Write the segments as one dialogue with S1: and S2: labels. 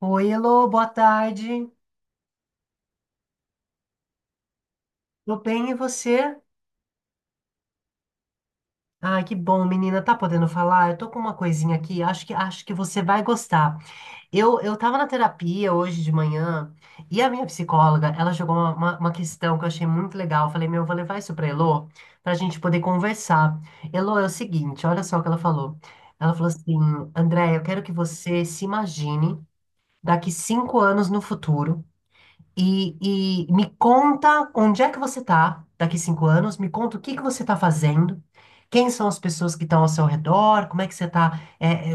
S1: Oi, Elô, boa tarde. Tô bem, e você? Ai, que bom, menina. Tá podendo falar? Eu tô com uma coisinha aqui, acho que você vai gostar. Eu tava na terapia hoje de manhã e a minha psicóloga, ela jogou uma questão que eu achei muito legal. Eu falei, meu, eu vou levar isso pra Elô pra gente poder conversar. Elô, é o seguinte, olha só o que ela falou. Ela falou assim, André, eu quero que você se imagine daqui cinco anos no futuro. E me conta onde é que você está daqui cinco anos, me conta o que que você está fazendo, quem são as pessoas que estão ao seu redor, como é que você está,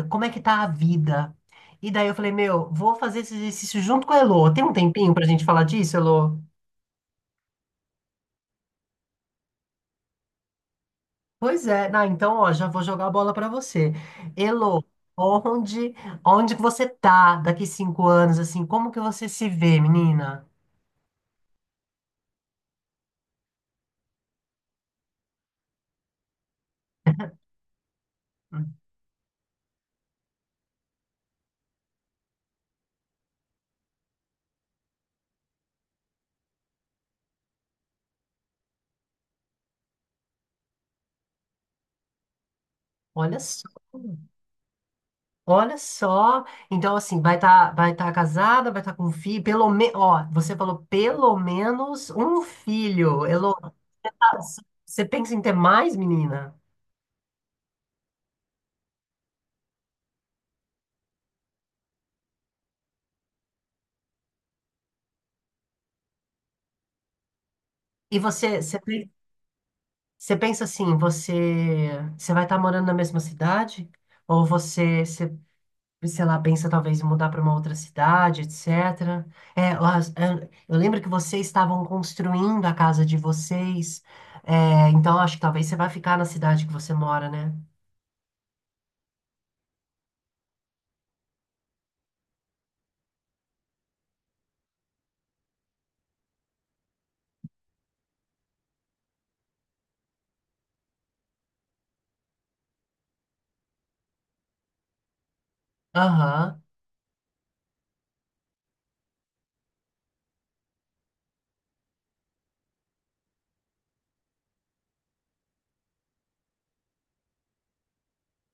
S1: como é que está a vida. E daí eu falei, meu, vou fazer esse exercício junto com a Elô. Tem um tempinho para a gente falar disso, Elô? Pois é, ah, então ó, já vou jogar a bola para você. Elô, onde, onde que você está daqui cinco anos, assim, como que você se vê, menina? Hum. Olha só. Olha só, então assim, vai tá casada, vai estar com um filho, pelo menos, ó, você falou pelo menos um filho. Elo, ah, você pensa em ter mais, menina? E você você pensa assim, você vai estar morando na mesma cidade? Ou você sei lá, pensa talvez em mudar para uma outra cidade, etc. É, ó, eu lembro que vocês estavam construindo a casa de vocês, é, então acho que talvez você vai ficar na cidade que você mora, né? Aham.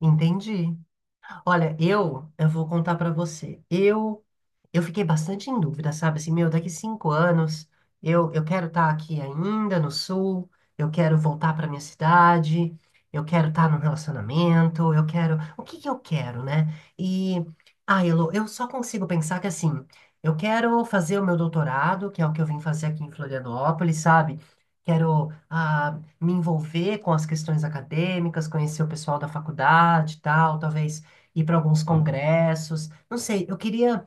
S1: Entendi. Olha, eu vou contar para você. Eu fiquei bastante em dúvida, sabe? Assim, meu, daqui cinco anos eu quero estar aqui ainda no sul, eu quero voltar para minha cidade, eu quero estar num relacionamento, eu quero. O que que eu quero, né? E, ah, Elo, eu só consigo pensar que assim, eu quero fazer o meu doutorado, que é o que eu vim fazer aqui em Florianópolis, sabe? Quero, ah, me envolver com as questões acadêmicas, conhecer o pessoal da faculdade e tal, talvez ir para alguns congressos. Não sei, eu queria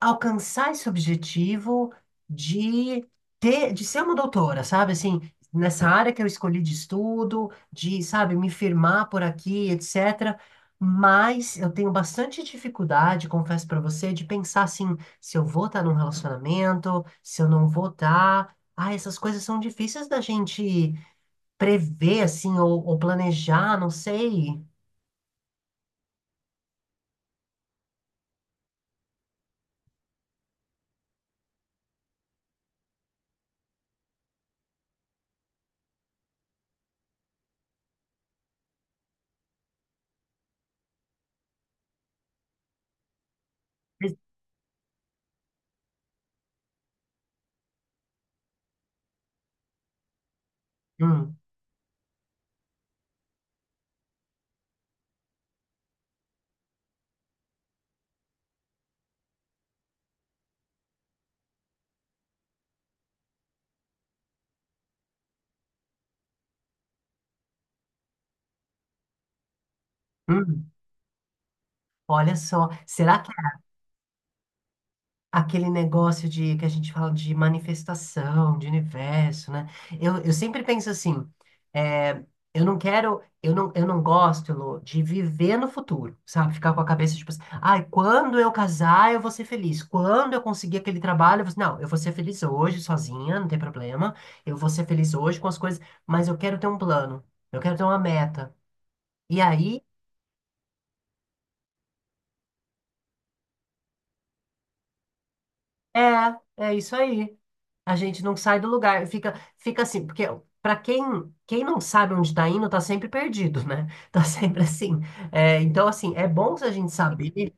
S1: alcançar esse objetivo de de ser uma doutora, sabe? Assim, nessa área que eu escolhi de estudo, de, sabe, me firmar por aqui, etc. Mas eu tenho bastante dificuldade, confesso para você, de pensar assim, se eu vou estar num relacionamento, se eu não vou estar. Ah, essas coisas são difíceis da gente prever, assim, ou planejar, não sei. Hum, hum. Olha só, será aquele negócio de que a gente fala de manifestação, de universo, né? Eu sempre penso assim, é, eu não quero, eu não gosto, Elô, de viver no futuro, sabe? Ficar com a cabeça tipo assim, ai, quando eu casar eu vou ser feliz, quando eu conseguir aquele trabalho, eu vou, não, eu vou ser feliz hoje sozinha, não tem problema, eu vou ser feliz hoje com as coisas, mas eu quero ter um plano, eu quero ter uma meta. E aí, é, é isso aí. A gente não sai do lugar, fica assim, porque para quem não sabe onde está indo, tá sempre perdido, né? Tá sempre assim. É, então, assim, é bom se a gente saber.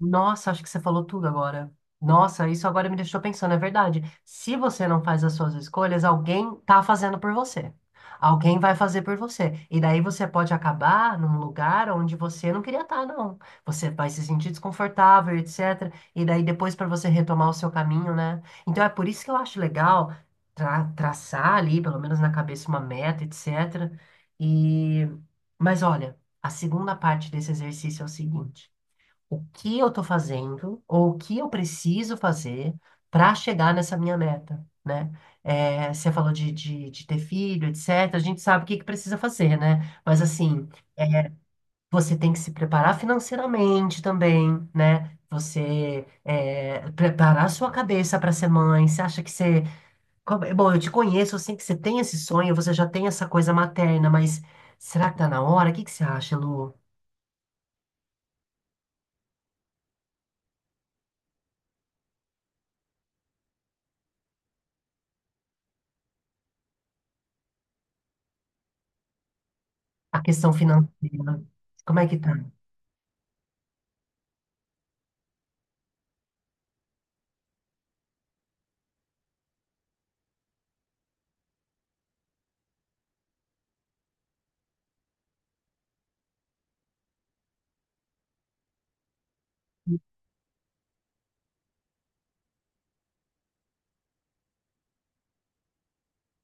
S1: Nossa, acho que você falou tudo agora. Nossa, isso agora me deixou pensando, é verdade. Se você não faz as suas escolhas, alguém tá fazendo por você. Alguém vai fazer por você. E daí você pode acabar num lugar onde você não queria estar, não. Você vai se sentir desconfortável, etc. E daí depois para você retomar o seu caminho, né? Então é por isso que eu acho legal traçar ali, pelo menos na cabeça, uma meta, etc. E... Mas olha, a segunda parte desse exercício é o seguinte: o que eu estou fazendo ou o que eu preciso fazer para chegar nessa minha meta, né? É, você falou de ter filho, etc. A gente sabe o que que precisa fazer, né? Mas assim, você tem que se preparar financeiramente também, né? Você preparar a sua cabeça para ser mãe. Você acha que você. Bom, eu te conheço, eu sei que você tem esse sonho, você já tem essa coisa materna, mas será que tá na hora? O que que você acha, Lu? A questão financeira, como é que tá?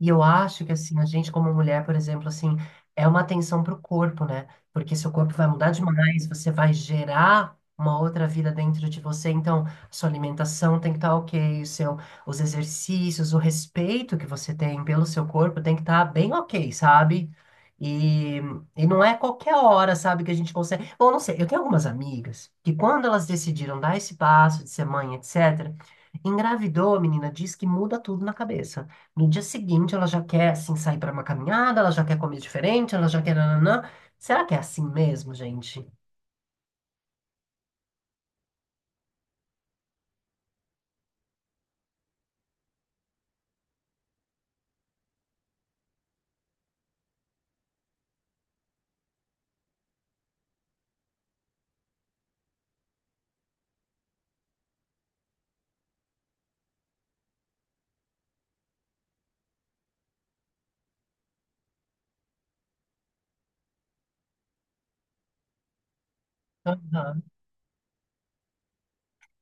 S1: E eu acho que assim, a gente como mulher, por exemplo, assim, é uma atenção para o corpo, né? Porque seu corpo vai mudar demais, você vai gerar uma outra vida dentro de você, então sua alimentação tem que estar OK, o seu, os exercícios, o respeito que você tem pelo seu corpo tem que estar bem OK, sabe? E, e não é qualquer hora, sabe, que a gente consegue. Bom, não sei, eu tenho algumas amigas que quando elas decidiram dar esse passo de ser mãe, etc., engravidou, menina, diz que muda tudo na cabeça. No dia seguinte, ela já quer, assim, sair para uma caminhada, ela já quer comer diferente, ela já quer nananã. Será que é assim mesmo, gente? Aham.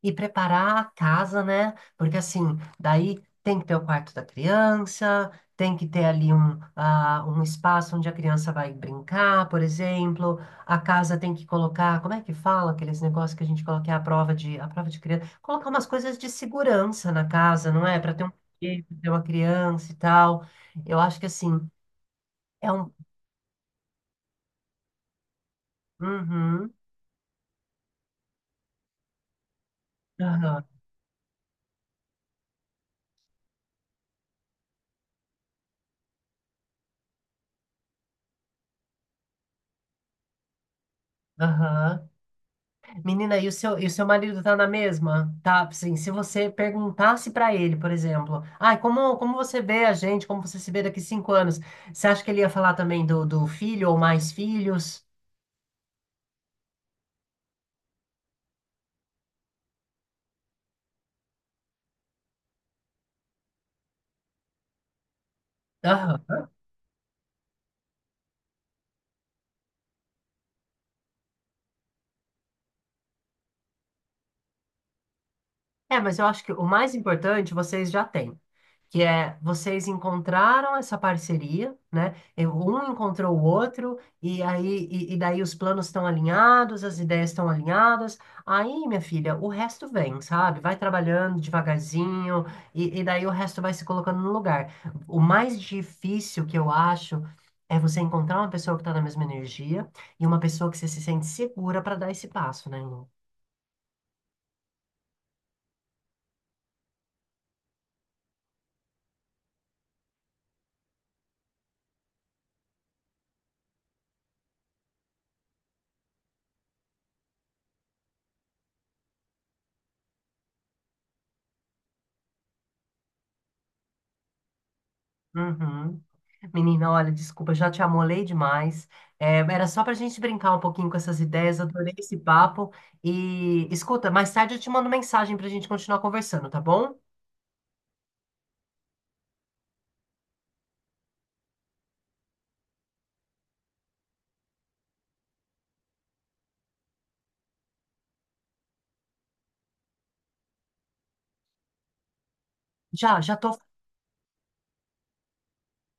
S1: E preparar a casa, né? Porque, assim, daí tem que ter o quarto da criança, tem que ter ali um espaço onde a criança vai brincar, por exemplo. A casa tem que colocar, como é que fala aqueles negócios que a gente coloca é a prova de criança? Colocar umas coisas de segurança na casa, não é? Para ter um brinquedo, ter uma criança e tal. Eu acho que, assim. É um. Uhum, aham, aham. Menina, e o seu marido tá na mesma? Tá, assim, se você perguntasse pra ele, por exemplo, ai, como você vê a gente, como você se vê daqui cinco anos, você acha que ele ia falar também do filho ou mais filhos? Aham. É, mas eu acho que o mais importante vocês já têm, que é vocês encontraram essa parceria, né? Um encontrou o outro, e aí e daí os planos estão alinhados, as ideias estão alinhadas. Aí, minha filha, o resto vem, sabe? Vai trabalhando devagarzinho, e daí o resto vai se colocando no lugar. O mais difícil que eu acho é você encontrar uma pessoa que está na mesma energia e uma pessoa que você se sente segura para dar esse passo, né, Lu? Uhum. Menina, olha, desculpa, já te amolei demais. É, era só para a gente brincar um pouquinho com essas ideias, adorei esse papo. E escuta, mais tarde eu te mando mensagem para a gente continuar conversando, tá bom? Já, já tô.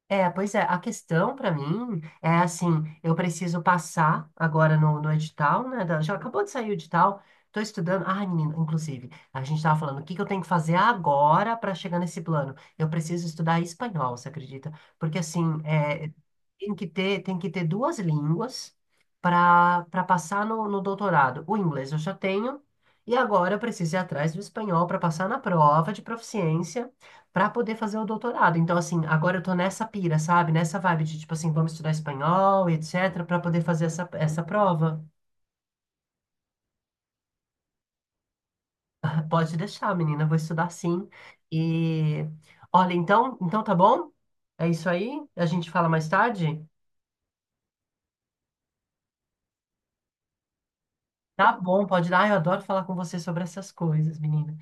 S1: É, pois é, a questão para mim é assim, eu preciso passar agora no edital, né? Já acabou de sair o edital, tô estudando. Ah, menina, inclusive, a gente tava falando, o que que eu tenho que fazer agora para chegar nesse plano? Eu preciso estudar espanhol, você acredita? Porque assim, tem que ter duas línguas para passar no doutorado. O inglês eu já tenho, e agora eu preciso ir atrás do espanhol para passar na prova de proficiência para poder fazer o doutorado. Então, assim, agora eu tô nessa pira, sabe? Nessa vibe de, tipo assim, vamos estudar espanhol, etc, para poder fazer essa prova. Pode deixar, menina, vou estudar sim. E olha, então, então tá bom? É isso aí? A gente fala mais tarde? Tá bom, pode dar. Ai, eu adoro falar com você sobre essas coisas, menina.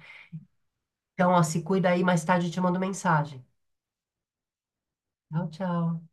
S1: Então, ó, se cuida aí, mais tarde eu te mando mensagem. Tchau, tchau.